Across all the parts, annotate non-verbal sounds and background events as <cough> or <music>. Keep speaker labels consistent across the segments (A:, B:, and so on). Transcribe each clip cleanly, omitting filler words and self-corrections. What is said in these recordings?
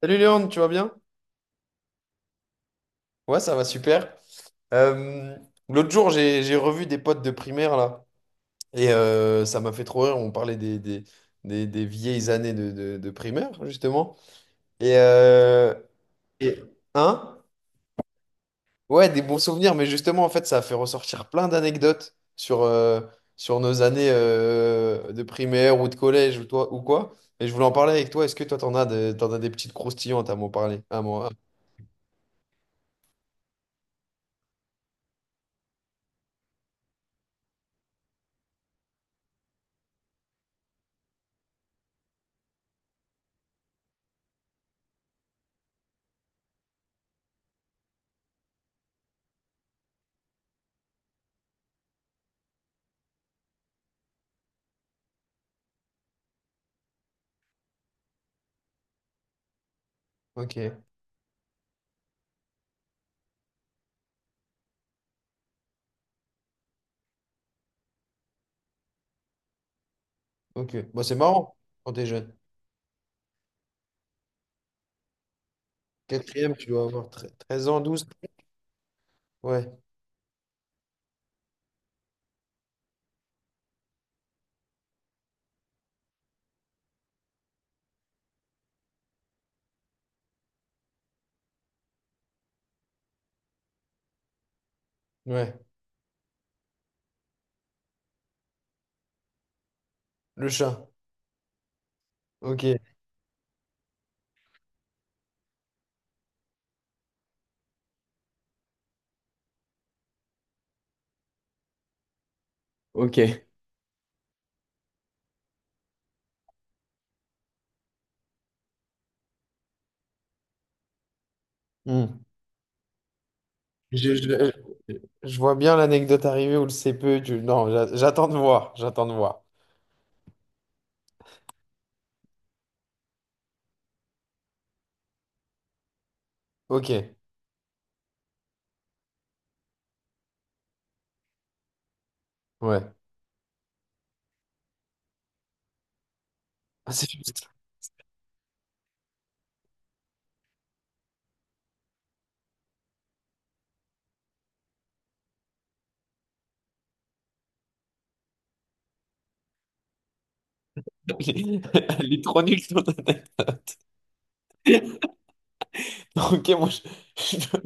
A: Salut Léon, tu vas bien? Ouais, ça va super. Euh, L'autre jour, j'ai revu des potes de primaire là, et ça m'a fait trop rire. On parlait des vieilles années de primaire, justement. Et, et- hein? Ouais, des bons souvenirs, mais justement, en fait, ça a fait ressortir plein d'anecdotes sur, sur nos années de primaire ou de collège ou, toi, ou quoi. Et je voulais en parler avec toi. Est-ce que toi, t'en as des petites croustillantes à m'en parler? À moi. Ok, ok. Bon, c'est marrant quand t'es jeune. Quatrième, tu dois avoir 13 ans, douze. Ouais, ouais. Le chat. Ok. Ok. Hmm. Je, je- je vois bien l'anecdote arriver où le CPE. Non, j'attends de voir. J'attends de voir. Ok. Ouais. Ah, c'est juste. <laughs> Elle est elle est trop nulle ton anecdote. <laughs> Ok, je-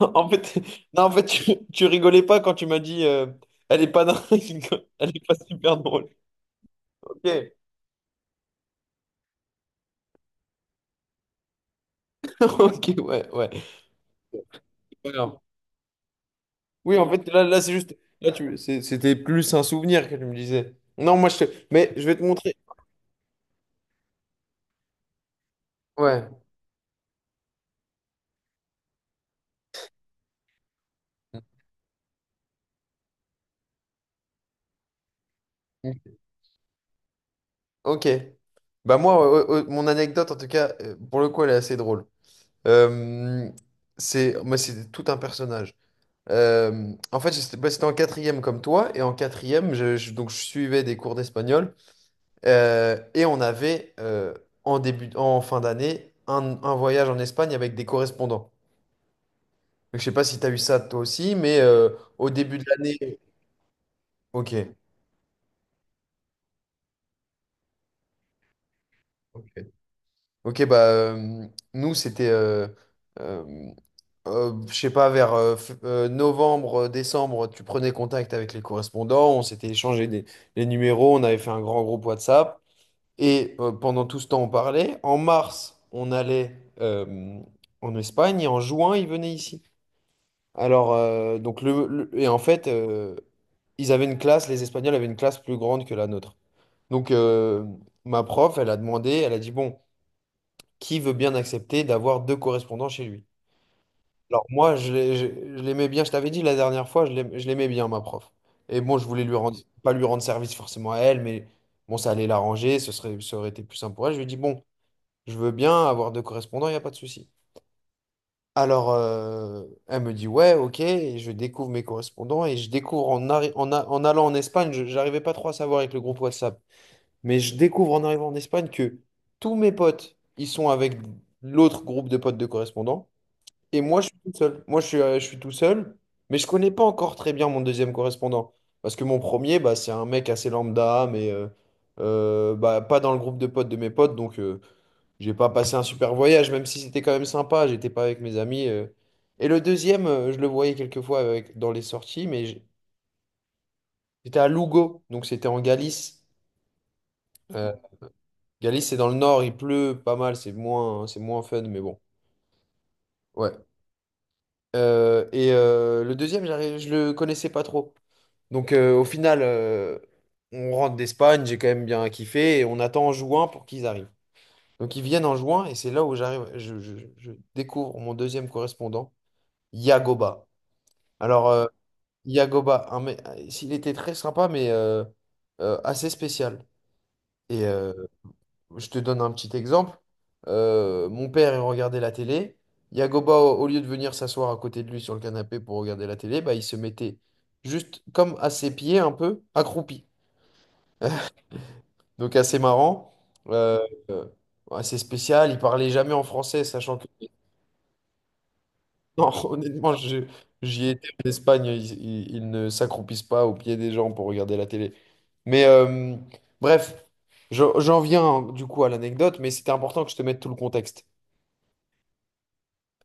A: en fait, non, en fait, tu rigolais pas quand tu m'as dit elle est pas dingue, <laughs> elle est pas super drôle. Ok, <laughs> ok, ouais, ouais. Voilà. Oui, en fait, là c'est juste. Là, tu... C'était plus un souvenir que tu me disais. Non, moi, je te... Mais je vais te montrer. Ouais. Ok. Bah moi, mon anecdote, en tout cas, pour le coup, elle est assez drôle. Euh, c'est, moi, c'est tout un personnage. En fait, j'étais bah, c'était en quatrième comme toi, et en quatrième, donc, je suivais des cours d'espagnol, et on avait, en début, en fin d'année, un voyage en Espagne avec des correspondants. Je sais pas si tu as eu ça toi aussi, mais au début de l'année. Ok. Ok, ok, bah nous c'était, euh, je sais pas, vers novembre, décembre, tu prenais contact avec les correspondants, on s'était échangé des, les numéros, on avait fait un grand groupe WhatsApp et pendant tout ce temps on parlait. En mars, on allait en Espagne et en juin, ils venaient ici. Alors, donc et en fait, ils avaient une classe, les Espagnols avaient une classe plus grande que la nôtre. Donc, ma prof, elle a demandé, elle a dit, bon, qui veut bien accepter d'avoir deux correspondants chez lui? Alors, moi, je l'aimais bien, je t'avais dit la dernière fois, je l'aimais bien, ma prof. Et bon, je voulais lui rendre, pas lui rendre service forcément à elle, mais bon, ça allait l'arranger, ça aurait été plus simple pour elle. Je lui ai dit, bon, je veux bien avoir deux correspondants, il n'y a pas de souci. Alors, elle me dit, ouais, ok, et je découvre mes correspondants et je découvre en, arri- en, a- en allant en Espagne, je j'arrivais pas trop à savoir avec le groupe WhatsApp, mais je découvre en arrivant en Espagne que tous mes potes, ils sont avec l'autre groupe de potes de correspondants et moi, je suis tout seul. Moi, je suis tout seul, mais je connais pas encore très bien mon deuxième correspondant parce que mon premier, bah, c'est un mec assez lambda, mais bah, pas dans le groupe de potes de mes potes, donc. J'ai pas passé un super voyage, même si c'était quand même sympa. J'étais pas avec mes amis. Et le deuxième, je le voyais quelquefois avec, dans les sorties, mais j'étais à Lugo, donc c'était en Galice. Euh, Galice, c'est dans le nord, il pleut pas mal, c'est moins, hein, c'est moins fun, mais bon. Ouais. Le deuxième, je le connaissais pas trop. Donc au final, on rentre d'Espagne, j'ai quand même bien kiffé, et on attend en juin pour qu'ils arrivent. Donc ils viennent en juin, et c'est là où j'arrive, je découvre mon deuxième correspondant, Yagoba. Alors, Yagoba, s'il était très sympa, mais assez spécial. Et je te donne un petit exemple. Mon père, il regardait la télé. Yagoba, au lieu de venir s'asseoir à côté de lui sur le canapé pour regarder la télé, bah, il se mettait juste comme à ses pieds, un peu accroupi. Donc, assez marrant, euh, euh, assez spécial. Il parlait jamais en français, sachant que non, <laughs> honnêtement, j'y ai été en Espagne, ils ne s'accroupissent pas au pied des gens pour regarder la télé. Mais bref, j'en viens hein, du coup à l'anecdote, mais c'était important que je te mette tout le contexte.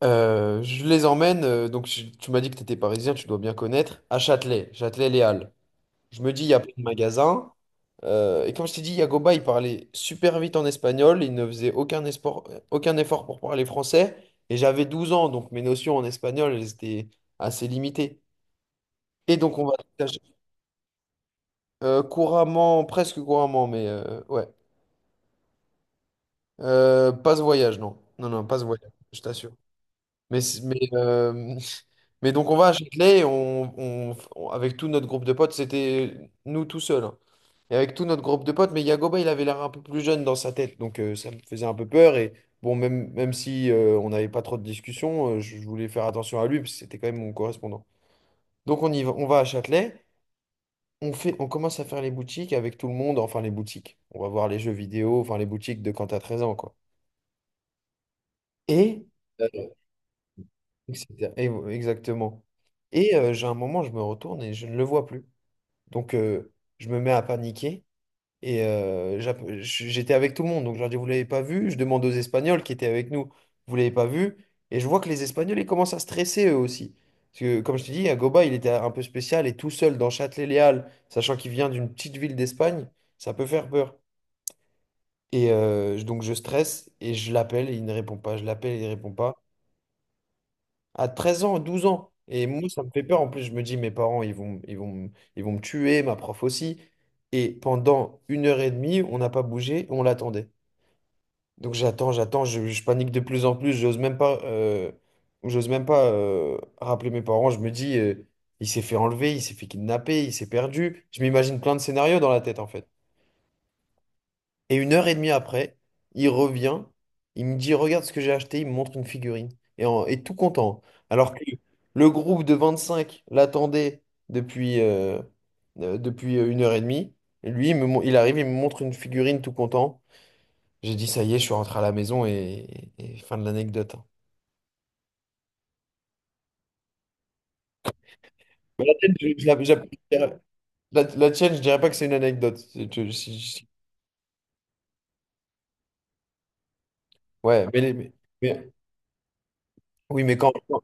A: Je les emmène, tu m'as dit que tu étais parisien, tu dois bien connaître, à Châtelet, Châtelet-Les Halles. Je me dis, il y a plein de magasins. Et comme je t'ai dit, Yagoba, il parlait super vite en espagnol. Il ne faisait aucun effort pour parler français. Et j'avais 12 ans, donc mes notions en espagnol, elles étaient assez limitées. Et donc, on va couramment, presque couramment, mais ouais. Pas ce voyage, non. Non, non, pas ce voyage, je t'assure. Mais, c- mais, euh, <laughs> mais donc, on va à Châtelet, et avec tout notre groupe de potes, c'était nous tout seuls. Hein. Et avec tout notre groupe de potes, mais Yagoba, il avait l'air un peu plus jeune dans sa tête, donc ça me faisait un peu peur. Et bon, même si on n'avait pas trop de discussions, je voulais faire attention à lui, parce que c'était quand même mon correspondant. Donc on y va, on va à Châtelet, on commence à faire les boutiques avec tout le monde, enfin les boutiques. On va voir les jeux vidéo, enfin les boutiques de quand t'as 13 ans, quoi. Et, euh, etc. Exactement. Et j'ai un moment, je me retourne et je ne le vois plus. Donc je me mets à paniquer. Et j'étais avec tout le monde, donc je leur dis, vous l'avez pas vu? Je demande aux Espagnols qui étaient avec nous, vous l'avez pas vu? Et je vois que les Espagnols, ils commencent à stresser eux aussi. Parce que, comme je te dis, Agoba, il était un peu spécial et tout seul dans Châtelet-Léal, sachant qu'il vient d'une petite ville d'Espagne, ça peut faire peur. Et donc je stresse et je l'appelle et il ne répond pas, je l'appelle et il ne répond pas. À 13 ans, 12 ans. Et moi, ça me fait peur. En plus, je me dis, mes parents, ils vont me tuer, ma prof aussi. Et pendant 1 h 30, on n'a pas bougé, on l'attendait. Donc j'attends, j'attends, je panique de plus en plus, j'ose même pas rappeler mes parents, je me dis, il s'est fait enlever, il s'est fait kidnapper, il s'est perdu, je m'imagine plein de scénarios dans la tête en fait. Et 1 h 30 après, il revient, il me dit, regarde ce que j'ai acheté, il me montre une figurine, et tout content. Hein. Alors que le groupe de 25 l'attendait depuis, depuis 1 h 30. Et lui, il arrive, il me montre une figurine tout content. J'ai dit, ça y est, je suis rentré à la maison et fin de l'anecdote. Hein. Mais la tienne, je la, j'app- la- la tienne, je dirais pas que c'est une anecdote. Ouais, mais, mais- oui, mais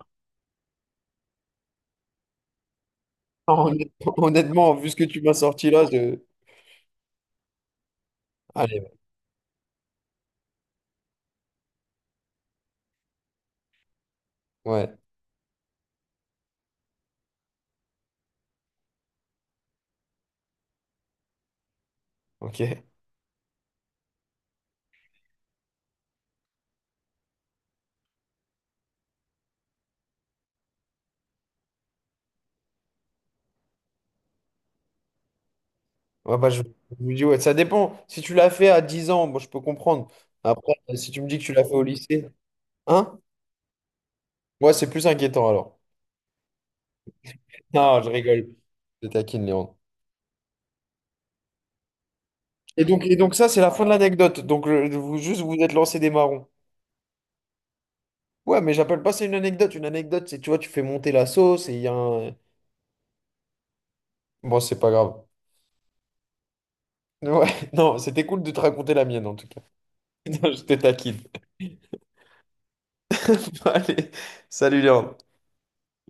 A: quand honnêtement, honnêtement, vu ce que tu m'as sorti là, je... Allez, ouais, ok. Ouais, bah, je vous dis, ouais, ça dépend. Si tu l'as fait à 10 ans, moi, je peux comprendre. Après, si tu me dis que tu l'as fait au lycée, hein? Moi, c'est plus inquiétant alors. Non, je rigole. Je taquine, Léon. Et donc ça, c'est la fin de l'anecdote. Donc, vous, juste, vous êtes lancé des marrons. Ouais, mais j'appelle pas ça une anecdote. Une anecdote, c'est, tu vois, tu fais monter la sauce et il y a un... Bon, c'est pas grave. Ouais, <laughs> non, c'était cool de te raconter la mienne, en tout cas. <laughs> Non, je te taquine. <laughs> Allez, salut Léon.